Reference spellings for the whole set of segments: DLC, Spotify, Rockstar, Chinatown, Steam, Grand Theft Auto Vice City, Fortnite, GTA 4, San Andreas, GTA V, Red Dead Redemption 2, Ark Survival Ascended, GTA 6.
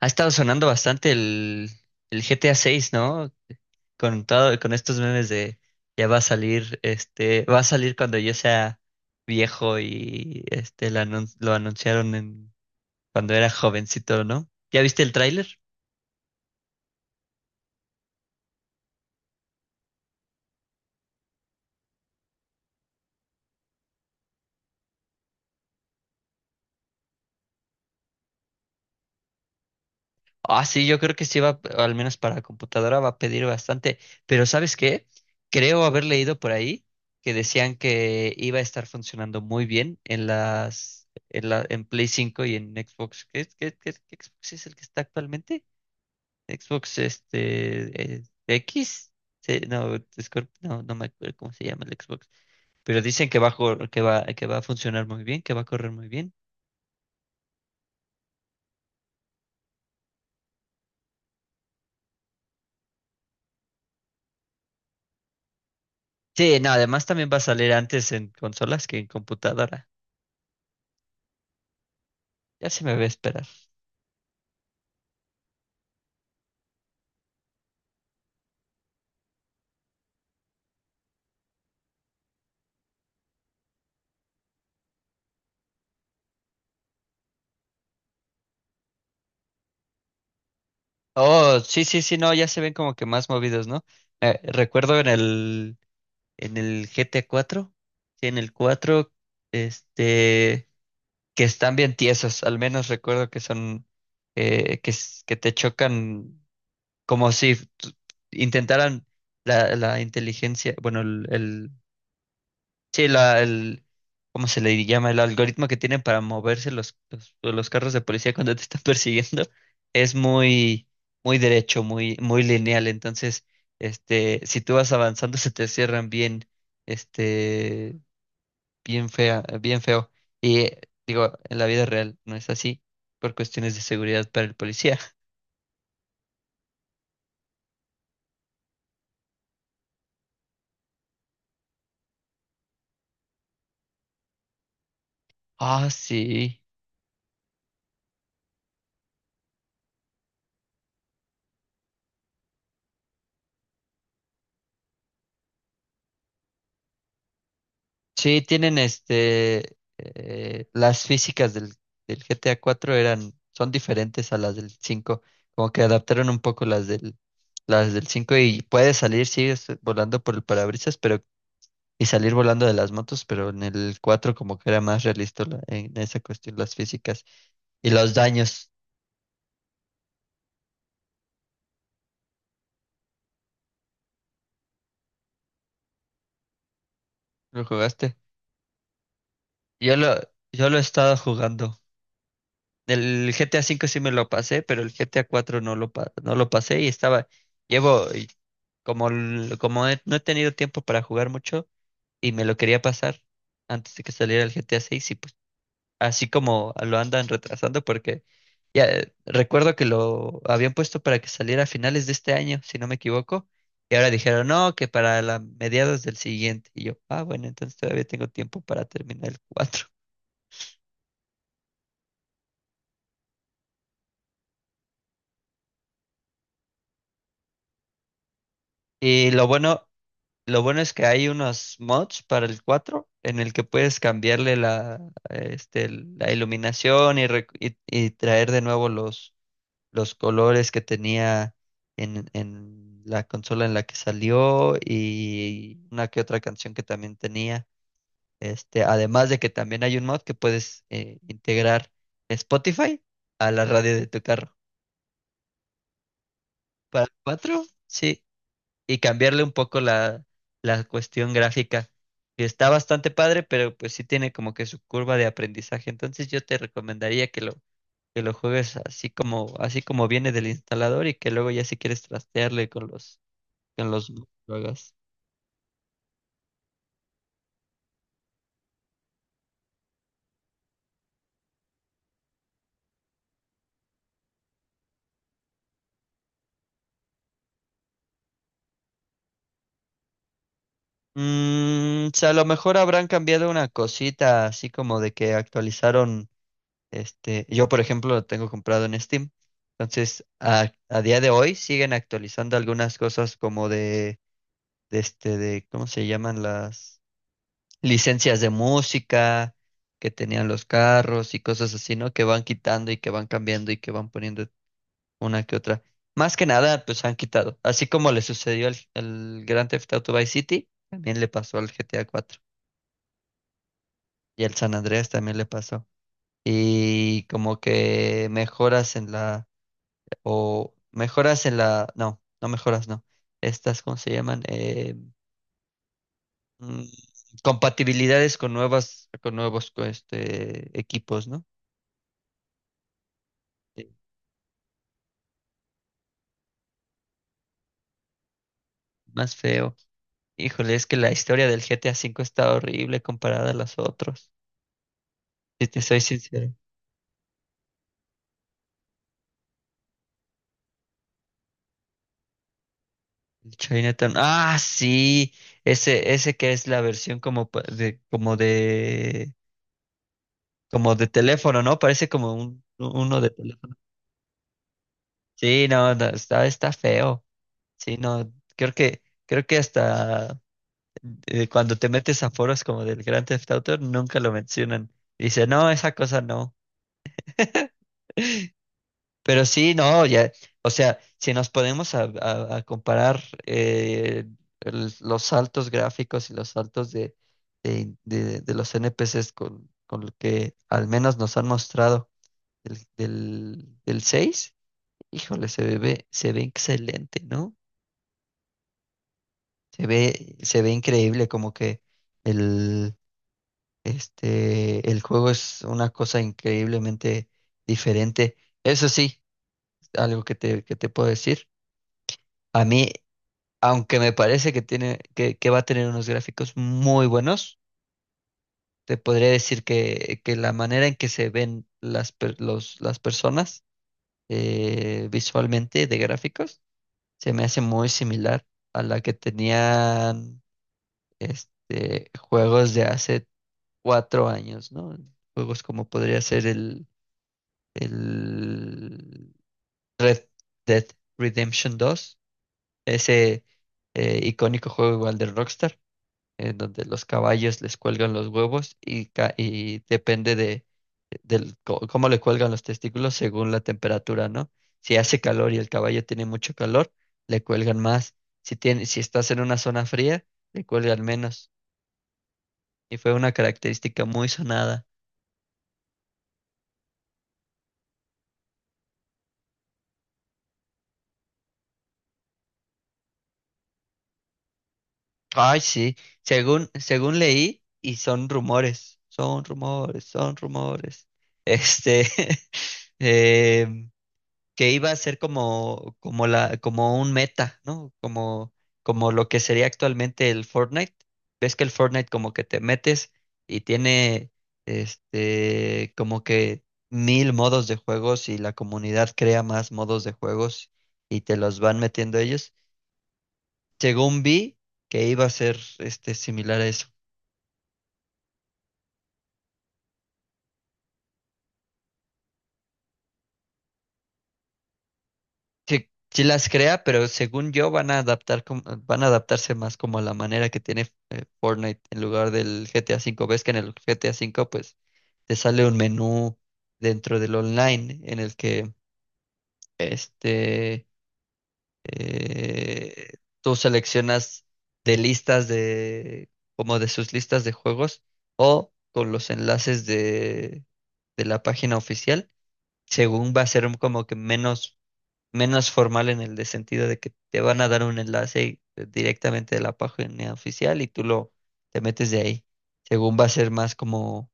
Ha estado sonando bastante el GTA 6, ¿no? Con todo, con estos memes de ya va a salir, va a salir cuando yo sea viejo y lo anunciaron en, cuando era jovencito, ¿no? ¿Ya viste el tráiler? Ah, sí, yo creo que sí va, al menos para computadora va a pedir bastante, pero ¿sabes qué? Creo haber leído por ahí que decían que iba a estar funcionando muy bien en Play cinco y en Xbox. ¿Qué Xbox es el que está actualmente? Xbox X. Sí, no, no me acuerdo cómo se llama el Xbox, pero dicen que va a funcionar muy bien, que va a correr muy bien. Sí, no, además también va a salir antes en consolas que en computadora. Ya se me ve esperar. Oh, sí, sí, sí, no, ya se ven como que más movidos, ¿no? Recuerdo en el, GT cuatro sí, en el cuatro, este, que están bien tiesos, al menos recuerdo que son, que te chocan como si intentaran la, inteligencia, bueno, el, sí, la, el, ¿cómo se le llama? El algoritmo que tienen para moverse los carros de policía cuando te están persiguiendo es muy, muy derecho, muy, muy lineal. Entonces, si tú vas avanzando, se te cierran bien, este, bien fea, bien feo. Y digo, en la vida real no es así por cuestiones de seguridad para el policía. Ah, sí. Sí, tienen las físicas del GTA cuatro eran, son diferentes a las del cinco, como que adaptaron un poco las del cinco y puedes salir, sí, volando por el parabrisas, pero, y salir volando de las motos, pero en el cuatro como que era más realista en esa cuestión, las físicas y los daños. ¿Lo jugaste? Yo lo, yo lo he estado jugando. El GTA V sí me lo pasé, pero el GTA 4 no lo pasé y estaba, llevo, y como, como no he tenido tiempo para jugar mucho y me lo quería pasar antes de que saliera el GTA 6 y pues así como lo andan retrasando porque ya recuerdo que lo habían puesto para que saliera a finales de este año, si no me equivoco, y ahora dijeron, no, que para la mediados del siguiente. Y yo, ah, bueno, entonces todavía tengo tiempo para terminar el cuatro. Y lo bueno Lo bueno es que hay unos mods para el cuatro en el que puedes cambiarle la iluminación y, y traer de nuevo los, colores que tenía en la consola en la que salió y una que otra canción que también tenía. Además de que también hay un mod que puedes integrar Spotify a la radio de tu carro. Para el 4, sí. Y cambiarle un poco la, cuestión gráfica. Que está bastante padre, pero pues sí tiene como que su curva de aprendizaje. Entonces yo te recomendaría que lo, juegues así como viene del instalador y que luego ya si quieres trastearle con los mods lo hagas. O sea, a lo mejor habrán cambiado una cosita, así como de que actualizaron, yo por ejemplo lo tengo comprado en Steam. Entonces, a día de hoy siguen actualizando algunas cosas como de de ¿cómo se llaman las licencias de música que tenían los carros y cosas así, ¿no? Que van quitando y que van cambiando y que van poniendo una que otra. Más que nada, pues han quitado. Así como le sucedió al Grand Theft Auto Vice City, también le pasó al GTA cuatro y al San Andreas también le pasó. Y como que mejoras en la, o mejoras en la, no, no mejoras, no. Estas, ¿cómo se llaman? Mm, Compatibilidades con nuevas, con nuevos equipos, ¿no? Sí, más feo. Híjole, es que la historia del GTA V está horrible comparada a las otras. Si te soy sincero. El Chinatown. Ah, sí. Ese que es la versión como de, como de teléfono, ¿no? Parece como un, uno de teléfono. Sí, no, no, está, feo. Sí, no, creo que hasta cuando te metes a foros como del Grand Theft Auto, nunca lo mencionan. Dice, no, esa cosa no. Pero sí, no, ya, o sea, si nos podemos a comparar, eh, los saltos gráficos y los saltos de los NPCs con, lo que al menos nos han mostrado del, seis. Híjole, se ve, excelente, ¿no? se ve increíble como que el el juego es una cosa increíblemente diferente. Eso sí, algo que te puedo decir. A mí, aunque me parece que tiene, que va a tener unos gráficos muy buenos, te podría decir que la manera en que se ven las personas, visualmente de gráficos, se me hace muy similar a la que tenían, juegos de hace cuatro años, ¿no? Juegos como podría ser el Red Dead Redemption 2, ese, icónico juego igual de Rockstar, en donde los caballos les cuelgan los huevos y, y depende cómo le cuelgan los testículos según la temperatura, ¿no? Si hace calor y el caballo tiene mucho calor, le cuelgan más. Si tiene, si estás en una zona fría, le cuelgan menos. Y fue una característica muy sonada. Ay, sí, según, leí, y son rumores, son rumores, son rumores. Este, em, que iba a ser como la, como un meta, ¿no? Como lo que sería actualmente el Fortnite. Ves que el Fortnite como que te metes y tiene, como que mil modos de juegos y la comunidad crea más modos de juegos y te los van metiendo ellos. Llegó un B que iba a ser similar a eso. Sí, sí las crea, pero según yo van a van a adaptarse más como a la manera que tiene, Fortnite, en lugar del GTA V. Ves que en el GTA V pues te sale un menú dentro del online en el que este eh, tú seleccionas de listas de, como de sus listas de juegos o con los enlaces de la página oficial. Según va a ser como que menos, menos formal en el de sentido de que te van a dar un enlace directamente de la página oficial y tú lo, te metes de ahí. Según va a ser más como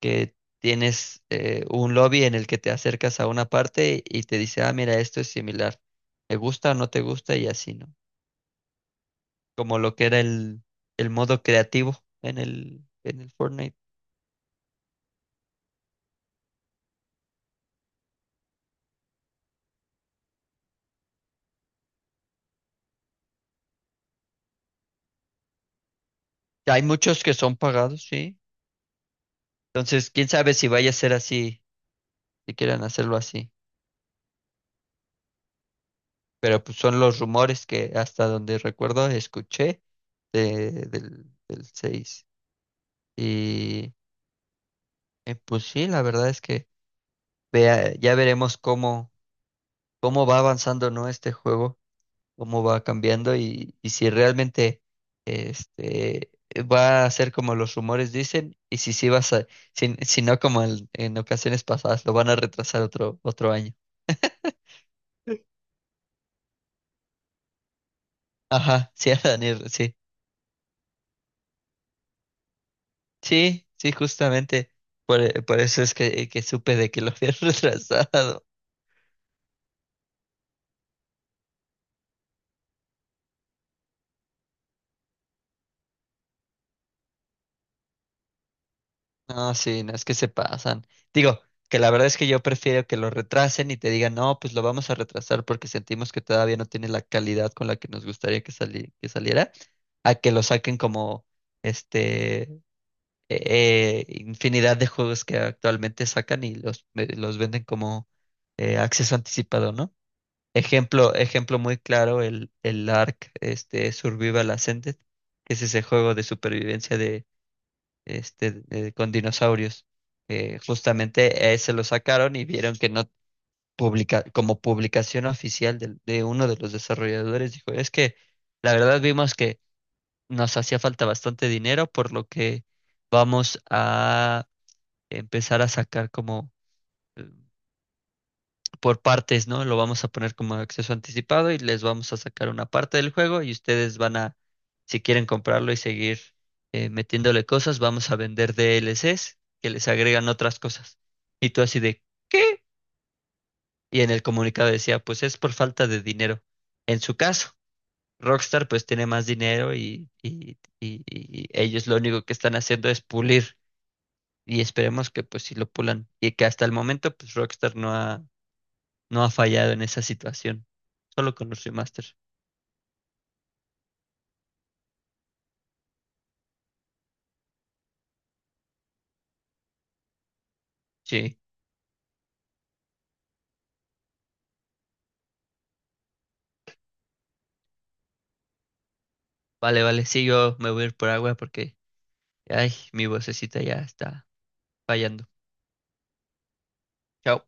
que tienes, un lobby en el que te acercas a una parte y te dice, ah, mira, esto es similar. ¿Te gusta o no te gusta? Y así, ¿no? Como lo que era el modo creativo en el, Fortnite. Hay muchos que son pagados, sí. Entonces, quién sabe si vaya a ser así, si quieran hacerlo así. Pero pues, son los rumores que hasta donde recuerdo escuché del seis. Y pues sí, la verdad es que vea, ya veremos cómo, va avanzando, ¿no? Este juego, cómo va cambiando y si realmente, este, va a ser como los rumores dicen y si sí vas a ser, si no como en, ocasiones pasadas, lo van a retrasar otro año. Ajá, sí, Daniel, sí. Sí, sí, justamente. Por eso es que supe de que lo habían retrasado. No, sí, no es que se pasan. Digo, que la verdad es que yo prefiero que lo retrasen y te digan, no, pues lo vamos a retrasar porque sentimos que todavía no tiene la calidad con la que nos gustaría que que saliera, a que lo saquen como, este infinidad de juegos que actualmente sacan y los venden como, acceso anticipado, ¿no? Ejemplo, ejemplo muy claro, el Ark, Survival Ascended, que es ese juego de supervivencia con dinosaurios. Justamente ese lo sacaron y vieron que no publica, como publicación oficial uno de los desarrolladores, dijo, es que la verdad vimos que nos hacía falta bastante dinero, por lo que vamos a empezar a sacar como, eh, por partes, ¿no? Lo vamos a poner como acceso anticipado y les vamos a sacar una parte del juego y ustedes van a, si quieren comprarlo y seguir, metiéndole cosas, vamos a vender DLCs que les agregan otras cosas. Y tú así de, ¿qué? Y en el comunicado decía, pues es por falta de dinero. En su caso, Rockstar pues tiene más dinero y ellos lo único que están haciendo es pulir. Y esperemos que pues si lo pulan y que hasta el momento pues Rockstar no ha fallado en esa situación. Solo con los remasters. Sí. Vale, vale. Sí, yo me voy a ir por agua porque, ay, mi vocecita ya está fallando. Chao.